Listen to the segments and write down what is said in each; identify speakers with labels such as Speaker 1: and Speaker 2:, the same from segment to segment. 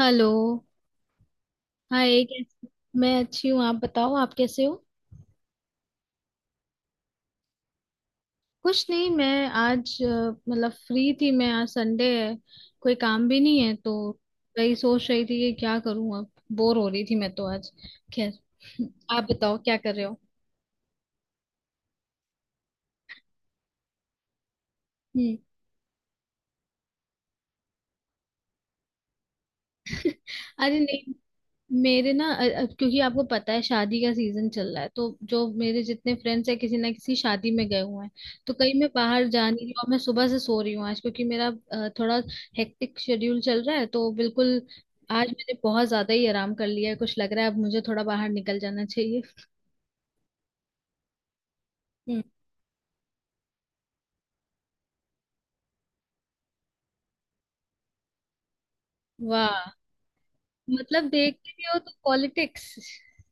Speaker 1: Hello. Hi कैसे। मैं अच्छी हूँ, आप बताओ आप कैसे हो। कुछ नहीं, मैं आज मतलब फ्री थी। मैं आज संडे है, कोई काम भी नहीं है तो वही सोच रही थी कि क्या करूँ अब। बोर हो रही थी मैं तो आज। खैर। आप बताओ क्या कर रहे हो। हम्म। अरे नहीं। मेरे ना क्योंकि आपको पता है शादी का सीजन चल रहा है, तो जो मेरे जितने फ्रेंड्स हैं किसी ना किसी शादी में गए हुए हैं। तो कहीं मैं बाहर जा नहीं रही हूँ और मैं सुबह से सो रही हूँ आज, क्योंकि मेरा थोड़ा हेक्टिक शेड्यूल चल रहा है, तो बिल्कुल आज मैंने बहुत ज्यादा ही आराम कर लिया है। कुछ लग रहा है अब मुझे थोड़ा बाहर निकल जाना चाहिए। हम्म। वाह। मतलब देखते भी हो तो पॉलिटिक्स।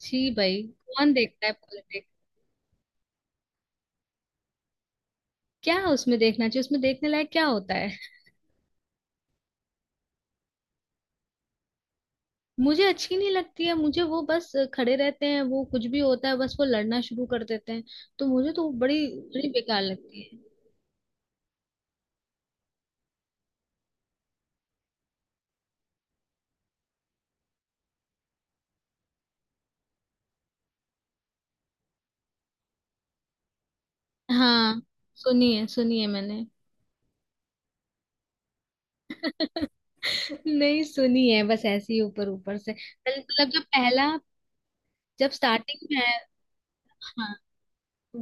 Speaker 1: छी भाई, कौन देखता है पॉलिटिक्स। क्या उसमें देखना चाहिए, उसमें देखने लायक क्या होता है। मुझे अच्छी नहीं लगती है मुझे, वो बस खड़े रहते हैं, वो कुछ भी होता है बस वो लड़ना शुरू कर देते हैं। तो मुझे तो वो बड़ी बड़ी बेकार लगती है। हाँ, सुनी है मैंने। नहीं सुनी है, बस ऐसे ही ऊपर ऊपर से। मतलब जब पहला जब स्टार्टिंग में है। हाँ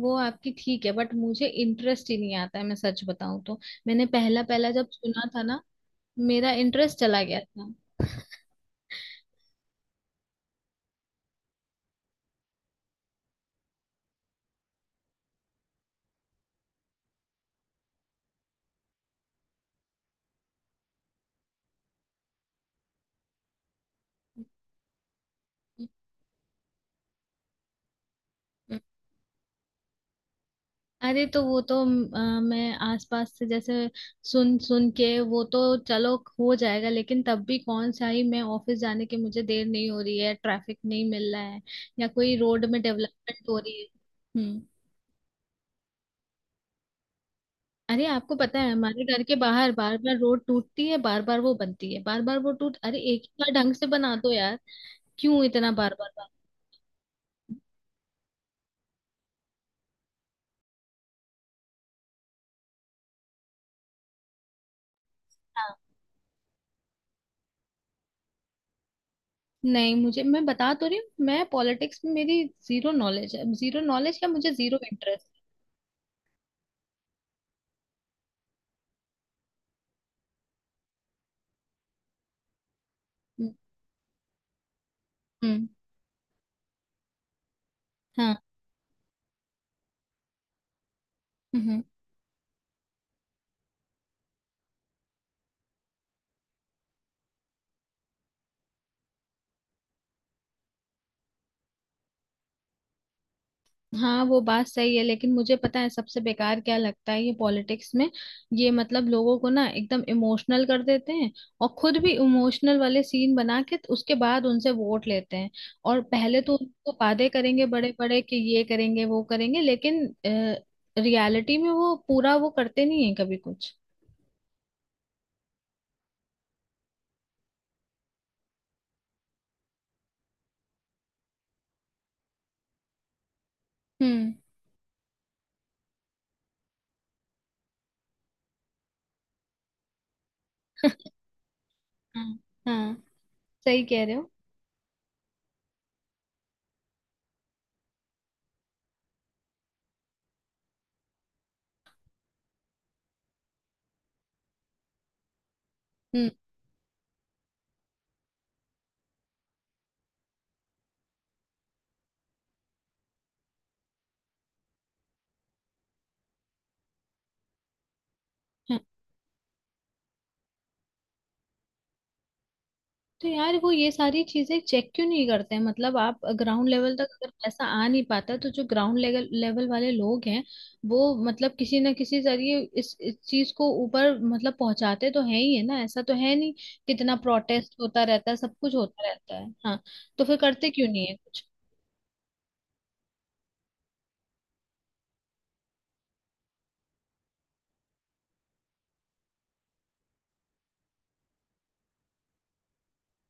Speaker 1: वो आपकी ठीक है, बट मुझे इंटरेस्ट ही नहीं आता है मैं सच बताऊं तो। मैंने पहला पहला जब सुना था ना, मेरा इंटरेस्ट चला गया था। अरे तो वो तो मैं आसपास से जैसे सुन सुन के, वो तो चलो हो जाएगा, लेकिन तब भी कौन सा ही मैं ऑफिस जाने के मुझे देर नहीं हो रही है, ट्रैफिक नहीं मिल रहा है, या कोई रोड में डेवलपमेंट हो रही है। हम्म। अरे आपको पता है हमारे घर के बाहर बार बार रोड टूटती है, बार बार वो बनती है, बार बार वो टूट, अरे एक ही बार ढंग से बना दो यार। क्यों इतना बार बार बार। हाँ। नहीं, मुझे मैं बता तो रही हूँ, मैं पॉलिटिक्स में मेरी जीरो नॉलेज है, जीरो नॉलेज क्या मुझे जीरो इंटरेस्ट है। हम्म। हाँ। हम्म। हाँ वो बात सही है, लेकिन मुझे पता है सबसे बेकार क्या लगता है ये पॉलिटिक्स में। ये मतलब लोगों को ना एकदम इमोशनल कर देते हैं और खुद भी इमोशनल वाले सीन बना के, तो उसके बाद उनसे वोट लेते हैं। और पहले तो उनको वादे करेंगे बड़े बड़े कि ये करेंगे वो करेंगे, लेकिन रियलिटी में वो पूरा वो करते नहीं है कभी कुछ। हम्म। हाँ हाँ सही कह रहे हो। हम्म। हाँ। तो यार वो ये सारी चीजें चेक क्यों नहीं करते हैं, मतलब आप ग्राउंड लेवल तक अगर पैसा आ नहीं पाता, तो जो ग्राउंड लेवल लेवल वाले लोग हैं वो मतलब किसी ना किसी जरिए इस चीज को ऊपर मतलब पहुंचाते तो है ही है ना, ऐसा तो है नहीं। कितना प्रोटेस्ट होता रहता है, सब कुछ होता रहता है। हाँ। तो फिर करते क्यों नहीं है कुछ।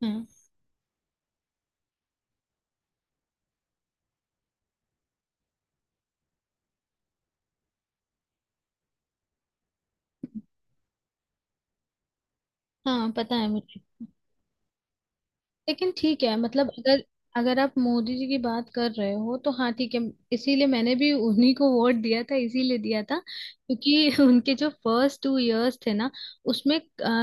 Speaker 1: हाँ हाँ पता है मुझे। लेकिन ठीक है मतलब अगर, अगर आप मोदी जी की बात कर रहे हो तो हाँ ठीक है। इसीलिए मैंने भी उन्हीं को वोट दिया था, इसीलिए दिया था क्योंकि उनके जो फर्स्ट टू इयर्स थे ना, उसमें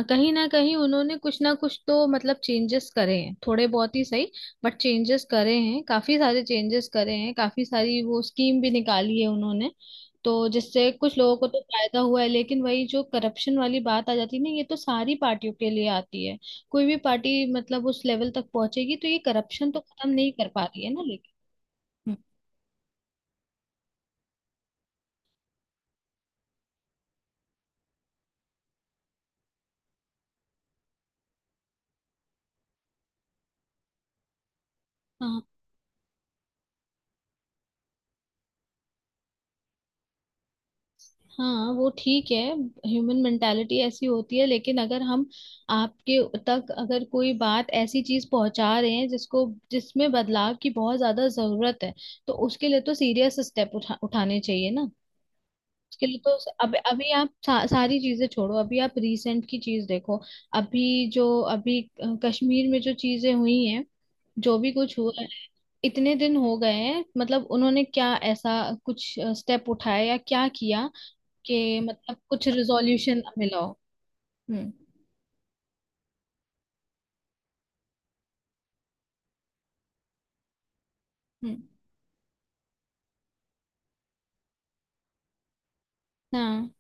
Speaker 1: कहीं ना कहीं उन्होंने कुछ ना कुछ तो मतलब चेंजेस करे हैं, थोड़े बहुत ही सही। बट चेंजेस करे हैं, काफी सारे चेंजेस करे हैं, काफी सारी वो स्कीम भी निकाली है उन्होंने, तो जिससे कुछ लोगों को तो फायदा हुआ है। लेकिन वही जो करप्शन वाली बात आ जाती है ना, ये तो सारी पार्टियों के लिए आती है। कोई भी पार्टी मतलब उस लेवल तक पहुंचेगी तो ये करप्शन तो खत्म नहीं कर पा रही है ना, लेकिन। हम्म। हाँ हाँ वो ठीक है। ह्यूमन मेंटालिटी ऐसी होती है, लेकिन अगर हम आपके तक अगर कोई बात ऐसी चीज पहुंचा रहे हैं जिसको जिसमें बदलाव की बहुत ज्यादा जरूरत है, तो उसके लिए तो सीरियस स्टेप उठाने चाहिए ना। उसके लिए तो अब अभी आप सारी चीजें छोड़ो, अभी आप रिसेंट की चीज देखो। अभी जो अभी कश्मीर में जो चीजें हुई हैं, जो भी कुछ हुआ, इतने दिन हो गए हैं, मतलब उन्होंने क्या ऐसा कुछ स्टेप उठाया या क्या किया कि मतलब कुछ रिजोल्यूशन मिला हो। हम्म। हम्म। हाँ,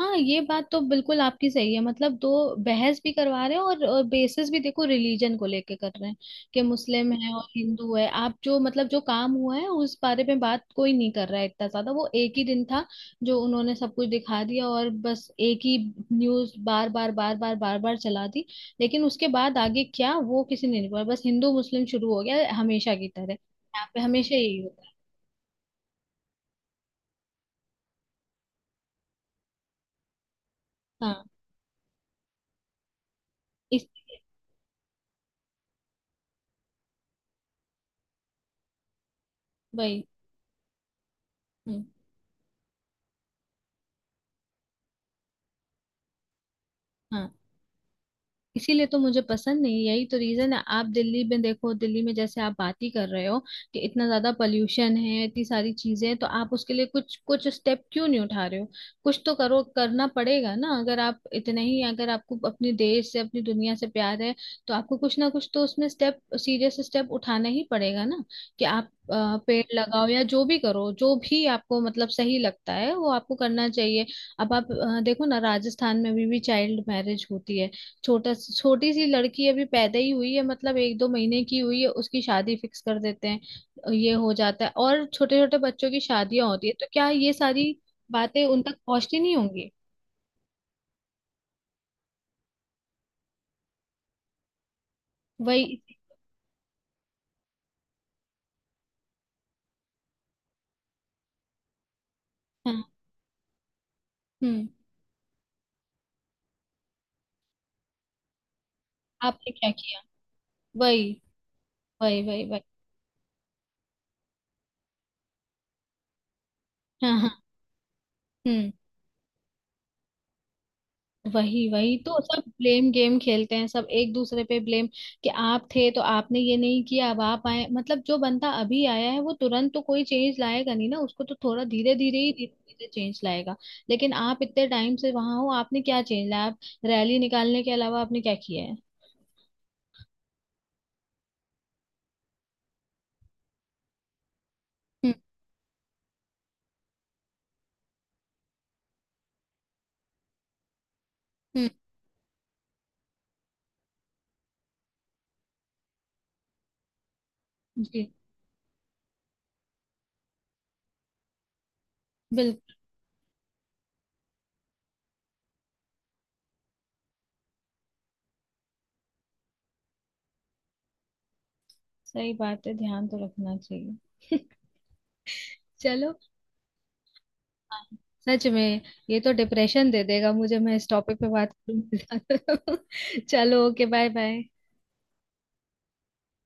Speaker 1: हाँ ये बात तो बिल्कुल आपकी सही है, मतलब दो बहस भी करवा रहे हैं और बेसिस भी देखो रिलीजन को लेके कर रहे हैं, कि मुस्लिम है और हिंदू है। आप जो मतलब जो काम हुआ है उस बारे में बात कोई नहीं कर रहा है इतना ज्यादा। वो एक ही दिन था जो उन्होंने सब कुछ दिखा दिया और बस एक ही न्यूज बार बार बार बार बार बार चला दी, लेकिन उसके बाद आगे क्या वो किसी ने नहीं बोला। बस हिंदू मुस्लिम शुरू हो गया हमेशा की तरह, यहाँ पे हमेशा यही होता है। हाँ। इस वही। हम्म। हाँ। इसीलिए तो मुझे पसंद नहीं है। यही तो रीजन है। आप दिल्ली में देखो, दिल्ली में जैसे आप बात ही कर रहे हो कि इतना ज्यादा पोल्यूशन है, इतनी सारी चीजें हैं, तो आप उसके लिए कुछ कुछ स्टेप क्यों नहीं उठा रहे हो। कुछ तो करो, करना पड़ेगा ना, अगर आप इतने ही अगर आपको अपने देश से अपनी दुनिया से प्यार है तो आपको कुछ ना कुछ तो उसमें स्टेप सीरियस स्टेप उठाना ही पड़ेगा ना, कि आप पेड़ लगाओ या जो भी करो, जो भी आपको मतलब सही लगता है वो आपको करना चाहिए। अब आप देखो ना, राजस्थान में अभी भी चाइल्ड मैरिज होती है। छोटा छोटी सी लड़की अभी पैदा ही हुई है, मतलब एक दो महीने की हुई है, उसकी शादी फिक्स कर देते हैं, ये हो जाता है। और छोटे छोटे बच्चों की शादियां होती है, तो क्या ये सारी बातें उन तक पहुंचती नहीं होंगी। वही। हाँ। हम्म। आपने क्या किया, वही वही वही वही। हाँ हाँ। हम्म। वही वही तो सब ब्लेम गेम खेलते हैं, सब एक दूसरे पे ब्लेम, कि आप थे तो आपने ये नहीं किया, अब आप आए, मतलब जो बंदा अभी आया है वो तुरंत तो कोई चेंज लाएगा नहीं ना, उसको तो थोड़ा धीरे धीरे ही धीरे धीरे चेंज लाएगा। लेकिन आप इतने टाइम से वहां हो आपने क्या चेंज लाया, आप रैली निकालने के अलावा आपने क्या किया है। हम्म। हम्म। जी बिल्कुल। सही बात है, ध्यान तो रखना चाहिए। चलो। हाँ, सच में ये तो डिप्रेशन दे देगा मुझे, मैं इस टॉपिक पे बात करूंगी ज्यादा। चलो ओके, बाय बाय।